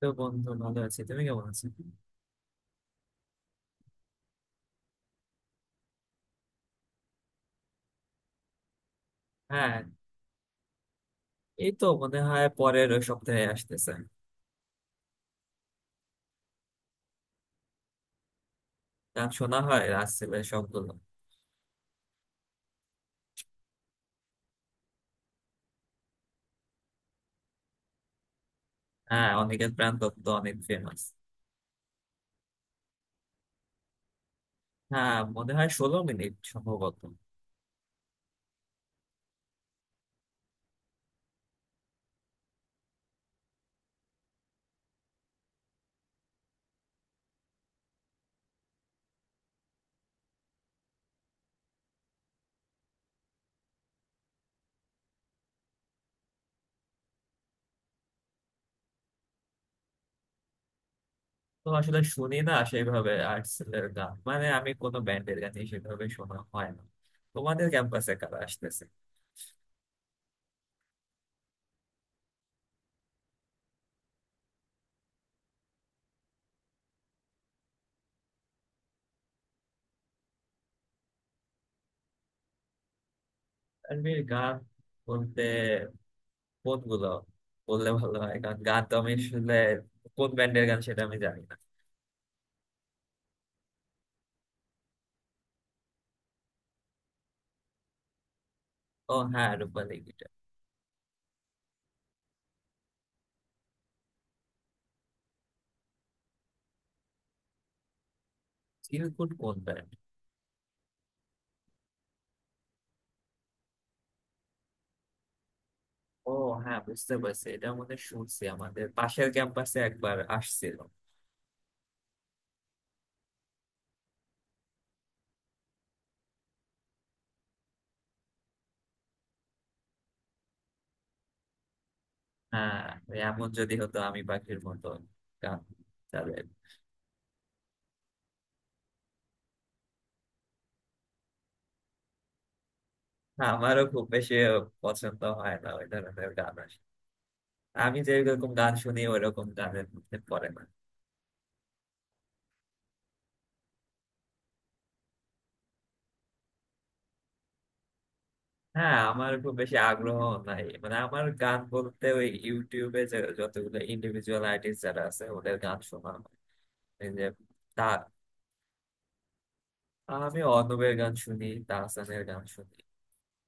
তো বন্ধু, ভালো আছি। তুমি কেমন আছো? হ্যাঁ, এই তো মনে হয় পরের ওই সপ্তাহে আসতেছে। গান শোনা হয় রাসেলের সবগুলো। হ্যাঁ, অনিকেত প্রাণ দত্ত অনেক ফেমাস। হ্যাঁ, মনে হয় 16 মিনিট সম্ভবত। তো আসলে শুনি না সেভাবে আর্টসেলের গান, মানে আমি কোনো ব্যান্ডের গানই সেভাবে শোনা হয় না। তোমাদের ক্যাম্পাসে কারা আসতেছে? তানভীর গান বলতে কোনগুলো বললে ভালো হয়, কারণ গান তো আমি আসলে কোন ব্যান্ডের গান সেটা আমি জানি না। ও হ্যাঁ, রূপালী। চিরকুট কোন ব্যান্ড? ও হ্যাঁ, বুঝতে পারছি, এটা মধ্যে শুনছি, আমাদের পাশের ক্যাম্পাসে একবার আসছিল। হ্যাঁ, ওই এমন যদি হতো আমি পাখির মতো গান তাদের। হ্যাঁ, আমারও খুব বেশি পছন্দ হয় না ওই ধরনের গান আসে। আমি যেরকম গান শুনি ওইরকম গানের মধ্যে পড়ে না। হ্যাঁ, আমার খুব বেশি আগ্রহ নাই, মানে আমার গান বলতে ওই ইউটিউবে যে যতগুলো ইন্ডিভিজুয়াল আর্টিস্ট যারা আছে ওদের গান শোনা হয়। এই যে তার, আমি অনুপের গান শুনি, তাহসানের গান শুনি।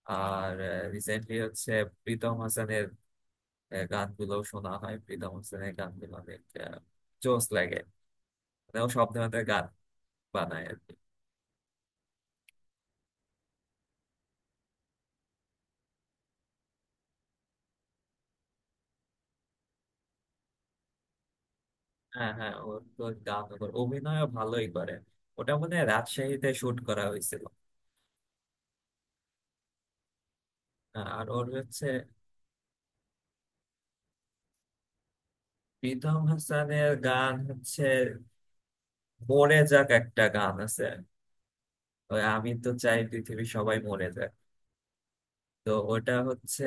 আর রিসেন্টলি হচ্ছে প্রীতম হাসানের গানগুলো শোনা হয়। প্রীতম হাসানের গানগুলো অনেক জোস লাগে। মানে ও সব ধরনের গান বানায় আর কি। হ্যাঁ হ্যাঁ, ওর তো গান, ওর অভিনয়ও ভালোই করে। ওটা মনে হয় রাজশাহীতে শুট করা হয়েছিল। আর ওর হচ্ছে, প্রীতম হাসানের গান হচ্ছে মরে যাক, একটা গান আছে। ওই আমি তো চাই পৃথিবী সবাই মরে যাক। তো ওটা হচ্ছে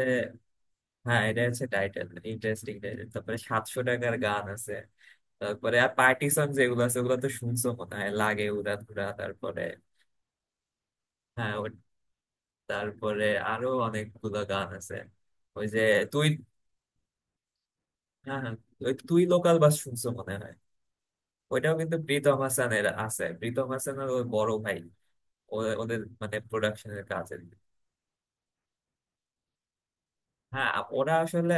হ্যাঁ, এটা হচ্ছে টাইটেল। Interesting title. তারপরে 700 টাকার গান আছে। তারপরে আর পার্টি সং যেগুলো আছে ওগুলো তো শুনছো মনে হয়, লাগে উড়া ধুরা, তারপরে হ্যাঁ। তারপরে আরো অনেকগুলো গান আছে। ওই যে তুই। হ্যাঁ হ্যাঁ, ওই তুই লোকাল বাস শুনছো মনে হয়। ওইটাও কিন্তু প্রীতম হাসানের আছে, প্রীতম হাসানের ওর বড় ভাই। ওদের মানে প্রোডাকশনের কাজ। হ্যাঁ, ওরা আসলে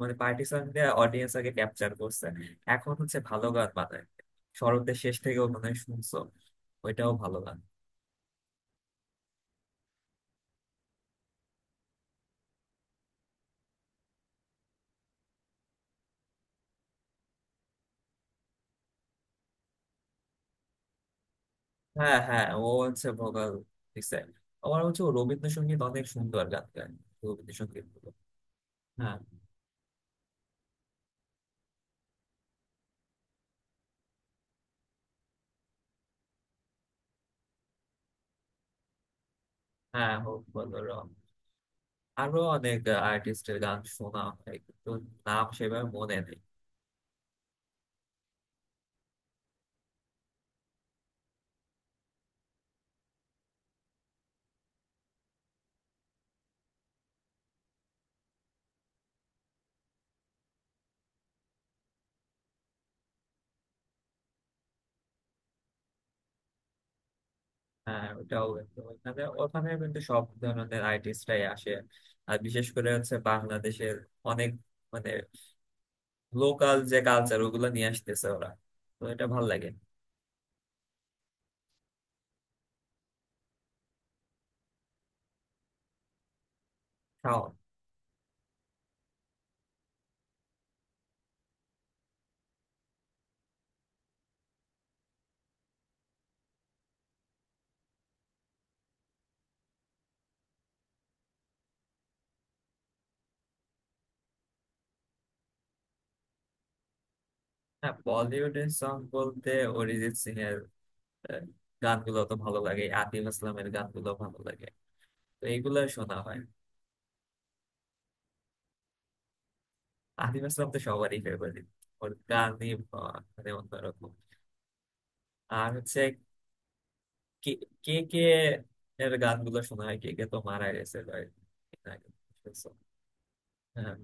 মানে পার্টিশন দিয়ে অডিয়েন্স আগে ক্যাপচার করছে, এখন হচ্ছে ভালো গান বানায়। শরতের শেষ থেকেও মানে শুনছো, ওইটাও ভালো গান। হ্যাঁ হ্যাঁ, ও হচ্ছে ভোকাল দিছে। আমার হচ্ছে ও রবীন্দ্রসঙ্গীত অনেক সুন্দর গান গায়। রবীন্দ্রসঙ্গীত গুলো। হ্যাঁ হ্যাঁ, হোক বলো র। আরো অনেক আর্টিস্টের গান শোনা হয় কিন্তু নাম সেভাবে মনে নেই। হ্যাঁ হ্যাঁ, ওটাও একটু ওখানে ওখানে কিন্তু সব ধরনের আর্টিস্টরাই আসে। আর বিশেষ করে হচ্ছে বাংলাদেশের অনেক মানে লোকাল যে কালচার ওগুলো নিয়ে আসতেছে ওরা। তো এটা ভাল লাগে। তাও হ্যাঁ, বলিউডের সং বলতে অরিজিৎ সিং এর আহ, গানগুলো তো ভালো লাগে, আতিফ আসলামের গানগুলো ভালো লাগে। তো এইগুলো শোনা হয়। আতিফ আসলাম তো সবারই ফেভারিট, ওর গানই মানে অন্যরকম। আর হচ্ছে কে, কে কে এর গানগুলো শোনা হয়। কে কে তো মারা গেছে ভাই কিছুদিন আগে। শুনছো? হ্যাঁ।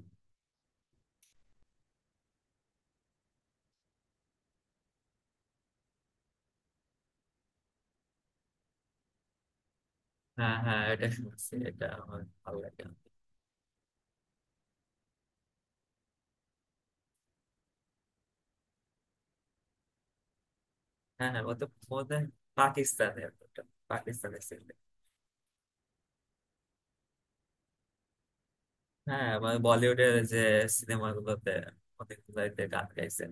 হ্যাঁ হ্যাঁ, এটা শুনছি, এটা আমার ভালো লাগে। হ্যাঁ হ্যাঁ, ও তো মনে হয় পাকিস্তানের, ওটা, পাকিস্তানের ছেলে। হ্যাঁ মানে বলিউডের যে সিনেমাগুলোতে অনেকগুলোতে গান গাইছেন।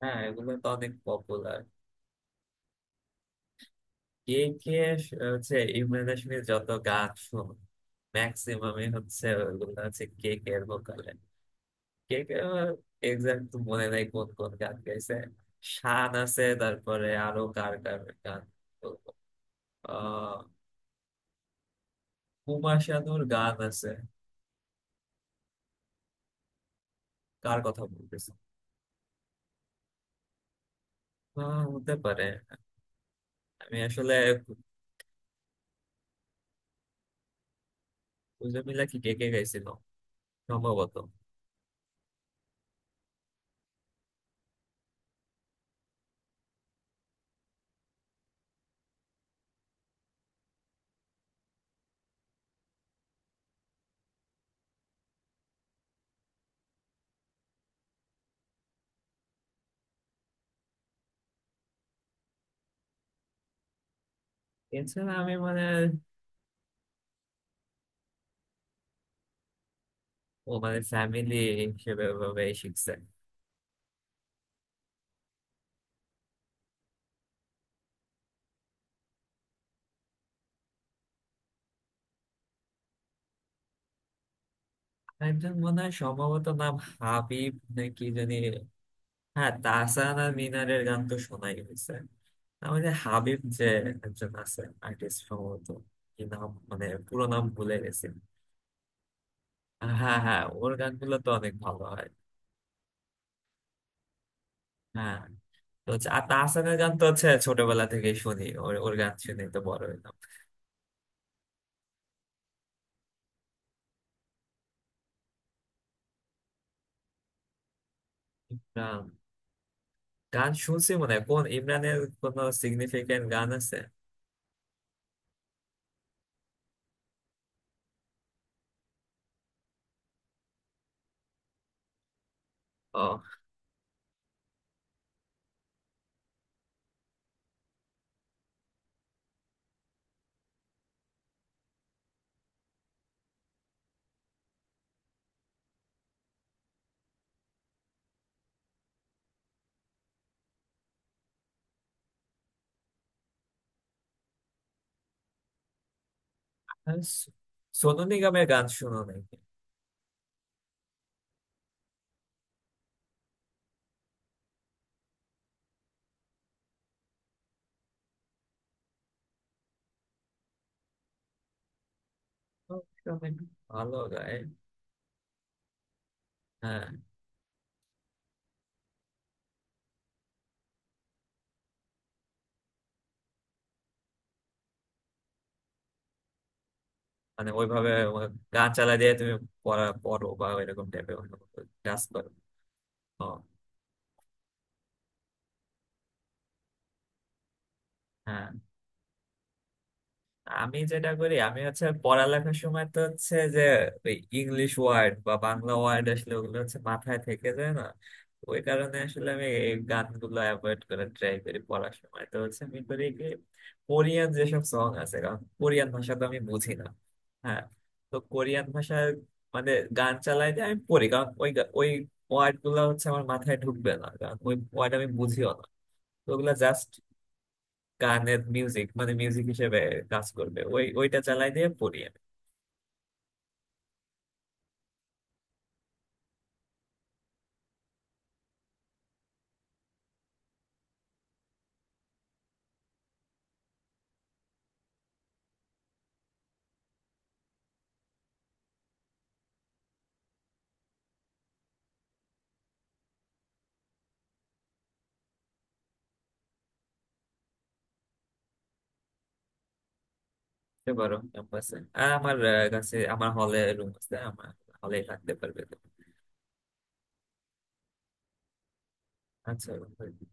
হ্যাঁ, এগুলো তো অনেক পপুলার। কে কে হচ্ছে ইমরান হাশমির যত গান শুন, ম্যাক্সিমামই হচ্ছে ওগুলো হচ্ছে কে কে এর ভোকালে। কেকে আমার এক্সাক্ট তো মনে নাই কোন কোন গান গাইছে। শান আছে, তারপরে আরো কার কার গান বলবো, আহ। হুমা শানুর গান আছে। কার কথা বলতেছি? আহ, হতে পারে। আমি আসলে দুজন মিলা কি কে কে গাইছিল সম্ভবত। এছাড়া আমি মানে ও মানে ফ্যামিলি হিসেবে ভাবে শিখছে। একজন মনে হয় সম্ভবত নাম হাবিব নাকি জানি। হ্যাঁ, তাহসান আর মিনারের গান তো শোনাই হয়েছে। আমাদের হাবিব যে একজন আছে আর্টিস্ট সম্ভবত, কি নাম মানে পুরো নাম ভুলে গেছি। হ্যাঁ হ্যাঁ, ওর গানগুলো তো অনেক ভালো হয়। হ্যাঁ। তো হচ্ছে আর তাহসানের গান তো হচ্ছে ছোটবেলা থেকেই শুনি, ওর ওর গান শুনে তো বড় হইলাম। গান গান শুনছি মনে হয় কোন ইমরানের কোনো সিগনিফিকেন্ট গান আছে? ও, আর সোনু নিগমের গান শুনো নাকি? ও, সে অনেক ভালো গায়। হ্যাঁ, মানে ওইভাবে গান চালা দিয়ে তুমি পড়া পড়ো বা এরকম টাইপের অন্য কোনো ক্লাস করো? ও, হ্যাঁ। আমি যেটা করি, আমি হচ্ছে পড়ালেখার সময় তো হচ্ছে যে ওই ইংলিশ ওয়ার্ড বা বাংলা ওয়ার্ড আসলে ওগুলো হচ্ছে মাথায় থেকে যায় না। ওই কারণে আসলে আমি এই গানগুলো অ্যাভয়েড করে ট্রাই করি। পড়ার সময় তো হচ্ছে আমি করি কি, কোরিয়ান যেসব সং আছে, কারণ কোরিয়ান ভাষা তো আমি বুঝি না। হ্যাঁ, তো কোরিয়ান ভাষায় মানে গান চালাই দিয়ে আমি পড়ি, কারণ ওই ওই ওয়ার্ড গুলো হচ্ছে আমার মাথায় ঢুকবে না, কারণ ওই ওয়ার্ড আমি বুঝিও না। তো ওগুলা জাস্ট কানের মিউজিক মানে মিউজিক হিসেবে কাজ করবে, ওই ওইটা চালাই দিয়ে পড়ি আমি। বুঝতে পারো ক্যাম্পাসে। আর আমার কাছে আমার হলে রুম আছে, আমার হলে থাকতে পারবে তুমি। আচ্ছা বন্ধু,